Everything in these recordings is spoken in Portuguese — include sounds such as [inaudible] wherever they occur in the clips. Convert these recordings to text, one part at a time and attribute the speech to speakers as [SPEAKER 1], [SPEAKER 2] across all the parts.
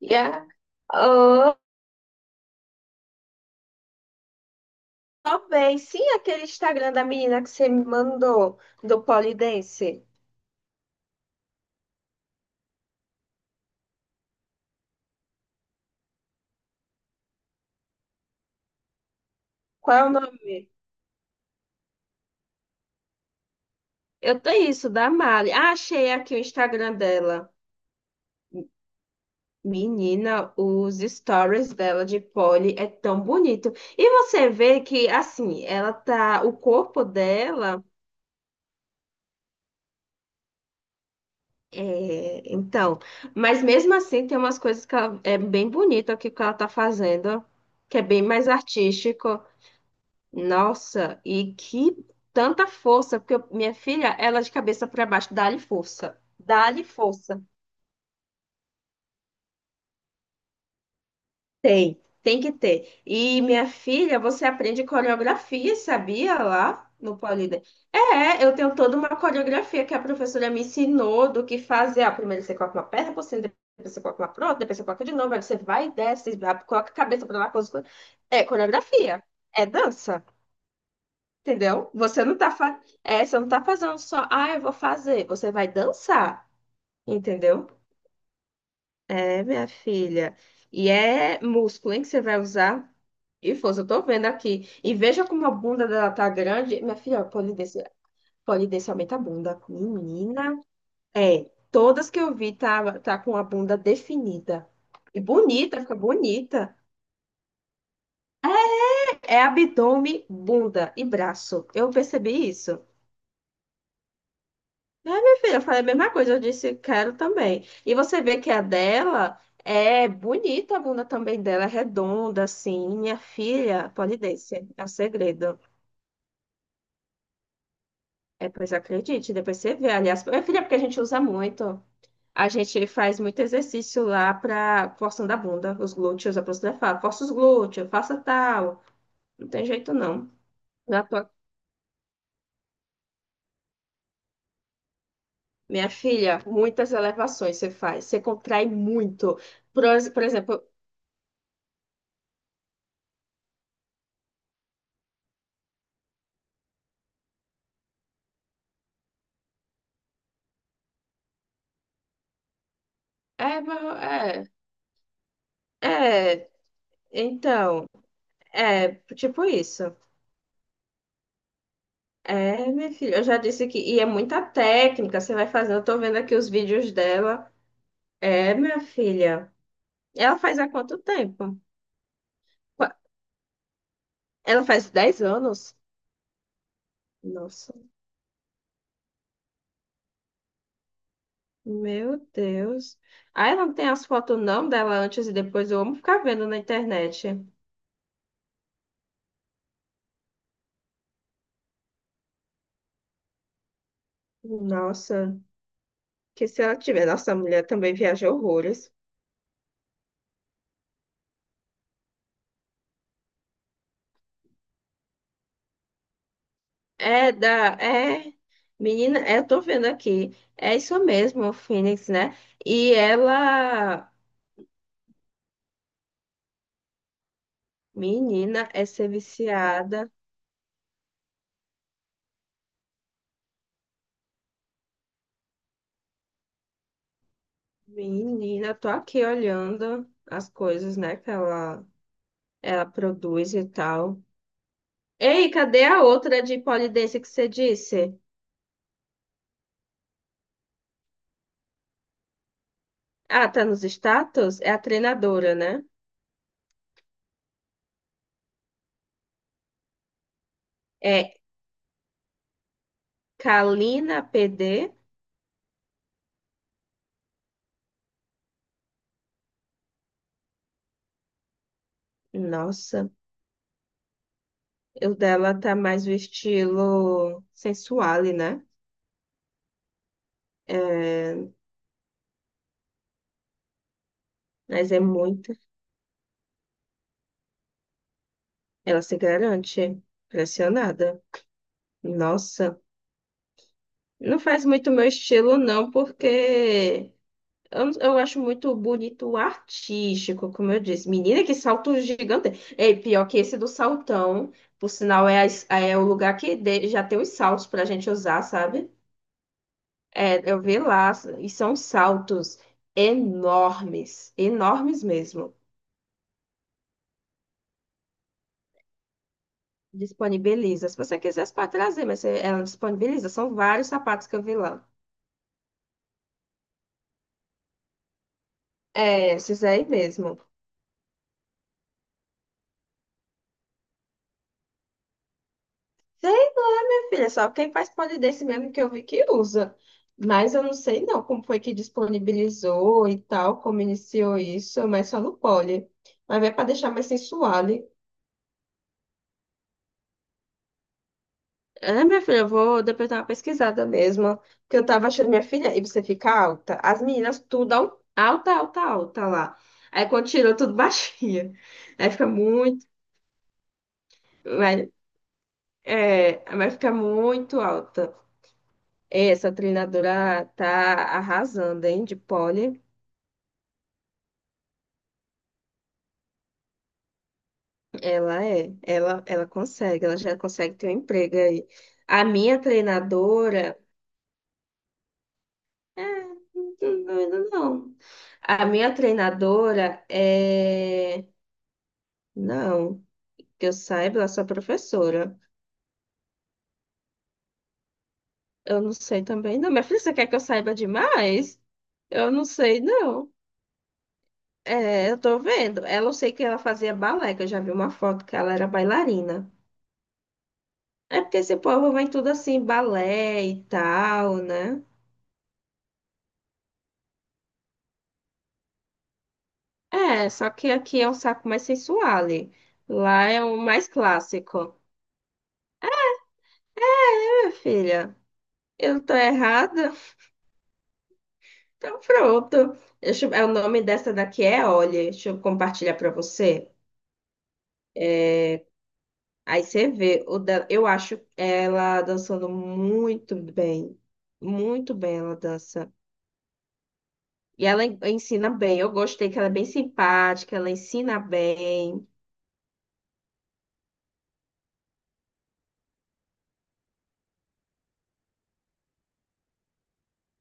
[SPEAKER 1] Yeah. Oh, talvez. Sim, aquele Instagram da menina que você me mandou, do Polidense. Qual é o nome? Eu tenho isso, da Mari. Ah, achei aqui o Instagram dela. Menina, os stories dela de poli é tão bonito. E você vê que, assim, ela tá. O corpo dela. É, então. Mas mesmo assim, tem umas coisas que ela, é bem bonito aqui que ela tá fazendo, que é bem mais artístico. Nossa, e que tanta força, porque minha filha, ela é de cabeça para baixo, dá-lhe força, dá-lhe força. Tem que ter. E minha filha, você aprende coreografia, sabia lá no Polida? É, eu tenho toda uma coreografia que a professora me ensinou do que fazer. Ah, primeiro você coloca uma perna por cima, depois você coloca uma pro outra, depois você coloca de novo, aí você vai e desce, coloca a cabeça para lá, coloca... É coreografia, é dança. Entendeu? Você não tá, é, você não tá fazendo só, ah, eu vou fazer. Você vai dançar, entendeu? É, minha filha. E é músculo, hein, que você vai usar. E força, eu tô vendo aqui. E veja como a bunda dela tá grande. Minha filha, polidência, polidência aumenta a bunda. Menina, é. Todas que eu vi tá com a bunda definida. E bonita, fica bonita. É abdômen, bunda e braço. Eu percebi isso. É, minha filha, eu falei a mesma coisa, eu disse quero também. E você vê que a dela é bonita, a bunda também dela é redonda, assim. Minha filha, polidência, é o segredo. É, pois acredite, depois você vê. Aliás, minha filha, é porque a gente usa muito. A gente faz muito exercício lá pra forçando a bunda, os glúteos, a professora fala, força os glúteos, faça tal. Não tem jeito não. Na tua- Minha filha, muitas elevações você faz, você contrai muito. Por, por exemplo, é, é. É, então, é tipo isso. É, minha filha, eu já disse que. E é muita técnica, você vai fazendo. Eu tô vendo aqui os vídeos dela. É, minha filha. Ela faz há quanto tempo? Qua- Ela faz 10 anos? Nossa, meu Deus. Ah, ela não tem as fotos não dela antes e depois. Eu amo ficar vendo na internet. Nossa, que se ela tiver. Nossa, a mulher também viaja horrores. É da, é, menina, é, eu tô vendo aqui, é isso mesmo, o Phoenix, né? E ela, menina, é ser viciada, menina, tô aqui olhando as coisas, né, que ela produz e tal. Ei, cadê a outra de polidência que você disse? Ah, tá nos status? É a treinadora, né? É Kalina PD. Nossa, o dela tá mais o estilo sensual, né? É, mas é muito. Ela se garante. Pressionada. Nossa. Não faz muito meu estilo, não, porque eu acho muito bonito o artístico, como eu disse. Menina, que salto gigante. É pior que esse do saltão. Por sinal, é, é o lugar que já tem os saltos pra gente usar, sabe? É, eu vi lá, e são saltos enormes, enormes mesmo. Disponibiliza. Se você quiser, você pode trazer, ela disponibiliza. São vários sapatos que eu vi lá. É, esses aí mesmo. Sei, minha filha, só quem faz polidense mesmo que eu vi que usa. Mas eu não sei não como foi que disponibilizou e tal, como iniciou isso, mas só no poli. Mas é para deixar mais sensual, hein? É, minha filha, eu vou depois dar uma pesquisada mesmo. Porque eu tava achando, minha filha, e você fica alta. As meninas tudo alta, alta, alta lá. Aí quando tirou, tudo [laughs] baixinha. Aí fica muito. Vai, é, vai ficar muito alta. É, essa treinadora tá arrasando, hein? De pole, ela consegue, ela já consegue ter um emprego aí. A minha treinadora, é, não, não, A minha treinadora é, não, que eu saiba, ela é só professora. Eu não sei também, não. Minha filha, você quer que eu saiba demais? Eu não sei, não. É, eu tô vendo. Ela, eu sei que ela fazia balé, que eu já vi uma foto que ela era bailarina. É porque esse povo vai tudo assim, balé e tal, né? É, só que aqui é um saco mais sensual. Lá é o mais clássico. É, filha, eu tô errada? Então pronto. É, o nome dessa daqui é Olha. Deixa eu compartilhar pra você. Aí você vê. Eu acho ela dançando muito bem. Muito bem ela dança. E ela ensina bem. Eu gostei que ela é bem simpática, ela ensina bem.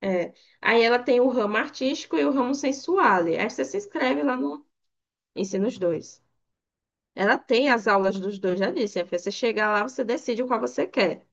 [SPEAKER 1] É. Aí ela tem o ramo artístico e o ramo sensuale. Aí você se inscreve lá no ensina os dois. Ela tem as aulas dos dois, já disse. Aí você chegar lá, você decide qual você quer.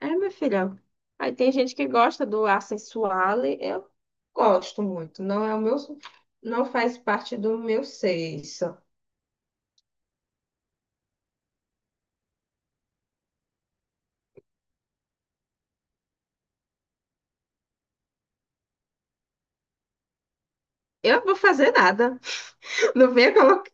[SPEAKER 1] É, minha filha. Aí tem gente que gosta do ar sensuale. Eu gosto muito. Não é o meu, não faz parte do meu sexo. Eu não vou fazer nada. [laughs] Não venha colocar.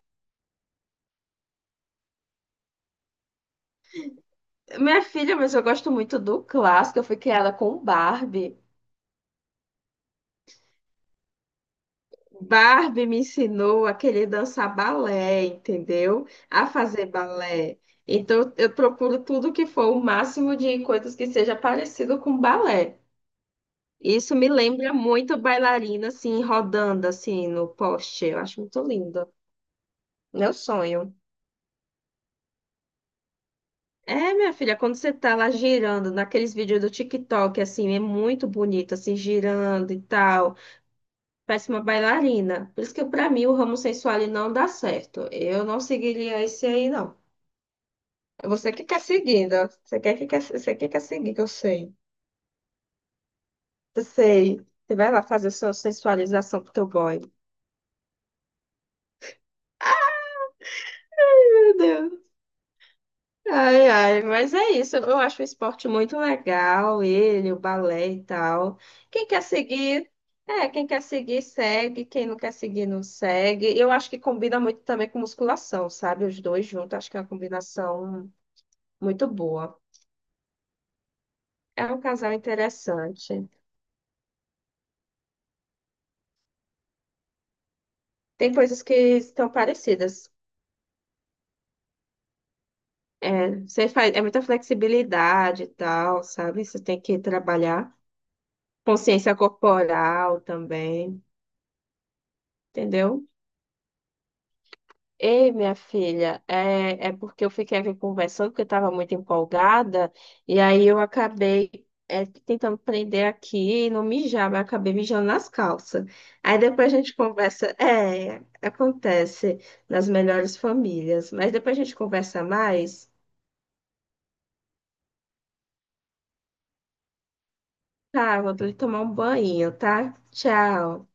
[SPEAKER 1] Minha filha, mas eu gosto muito do clássico. Eu fui criada com Barbie. Barbie me ensinou a querer dançar balé, entendeu? A fazer balé. Então, eu procuro tudo que for o máximo de coisas que seja parecido com balé. Isso me lembra muito bailarina, assim, rodando, assim, no poste. Eu acho muito lindo. Meu sonho. É, minha filha, quando você tá lá girando, naqueles vídeos do TikTok, assim, é muito bonito, assim, girando e tal. Parece uma bailarina. Por isso que, pra mim, o ramo sensual ele não dá certo. Eu não seguiria esse aí, não. É você que quer seguir, ó. Você quer que quer, você que quer seguir, que eu sei. Eu sei. Você vai lá fazer sua sensualização pro teu boy. Meu Deus. Ai, ai, mas é isso. Eu acho o esporte muito legal, ele, o balé e tal. Quem quer seguir, quem quer seguir, segue. Quem não quer seguir, não segue. Eu acho que combina muito também com musculação, sabe? Os dois juntos, acho que é uma combinação muito boa. É um casal interessante. Tem coisas que estão parecidas. É, você faz, é muita flexibilidade e tal, sabe? Você tem que trabalhar consciência corporal também, entendeu? Ei, minha filha, é porque eu fiquei aqui conversando, porque eu estava muito empolgada, e aí eu acabei é, tentando prender aqui e não mijar, mas acabei mijando nas calças. Aí depois a gente conversa. É, acontece nas melhores famílias, mas depois a gente conversa mais. Tá, vou ter que tomar um banho, tá? Tchau.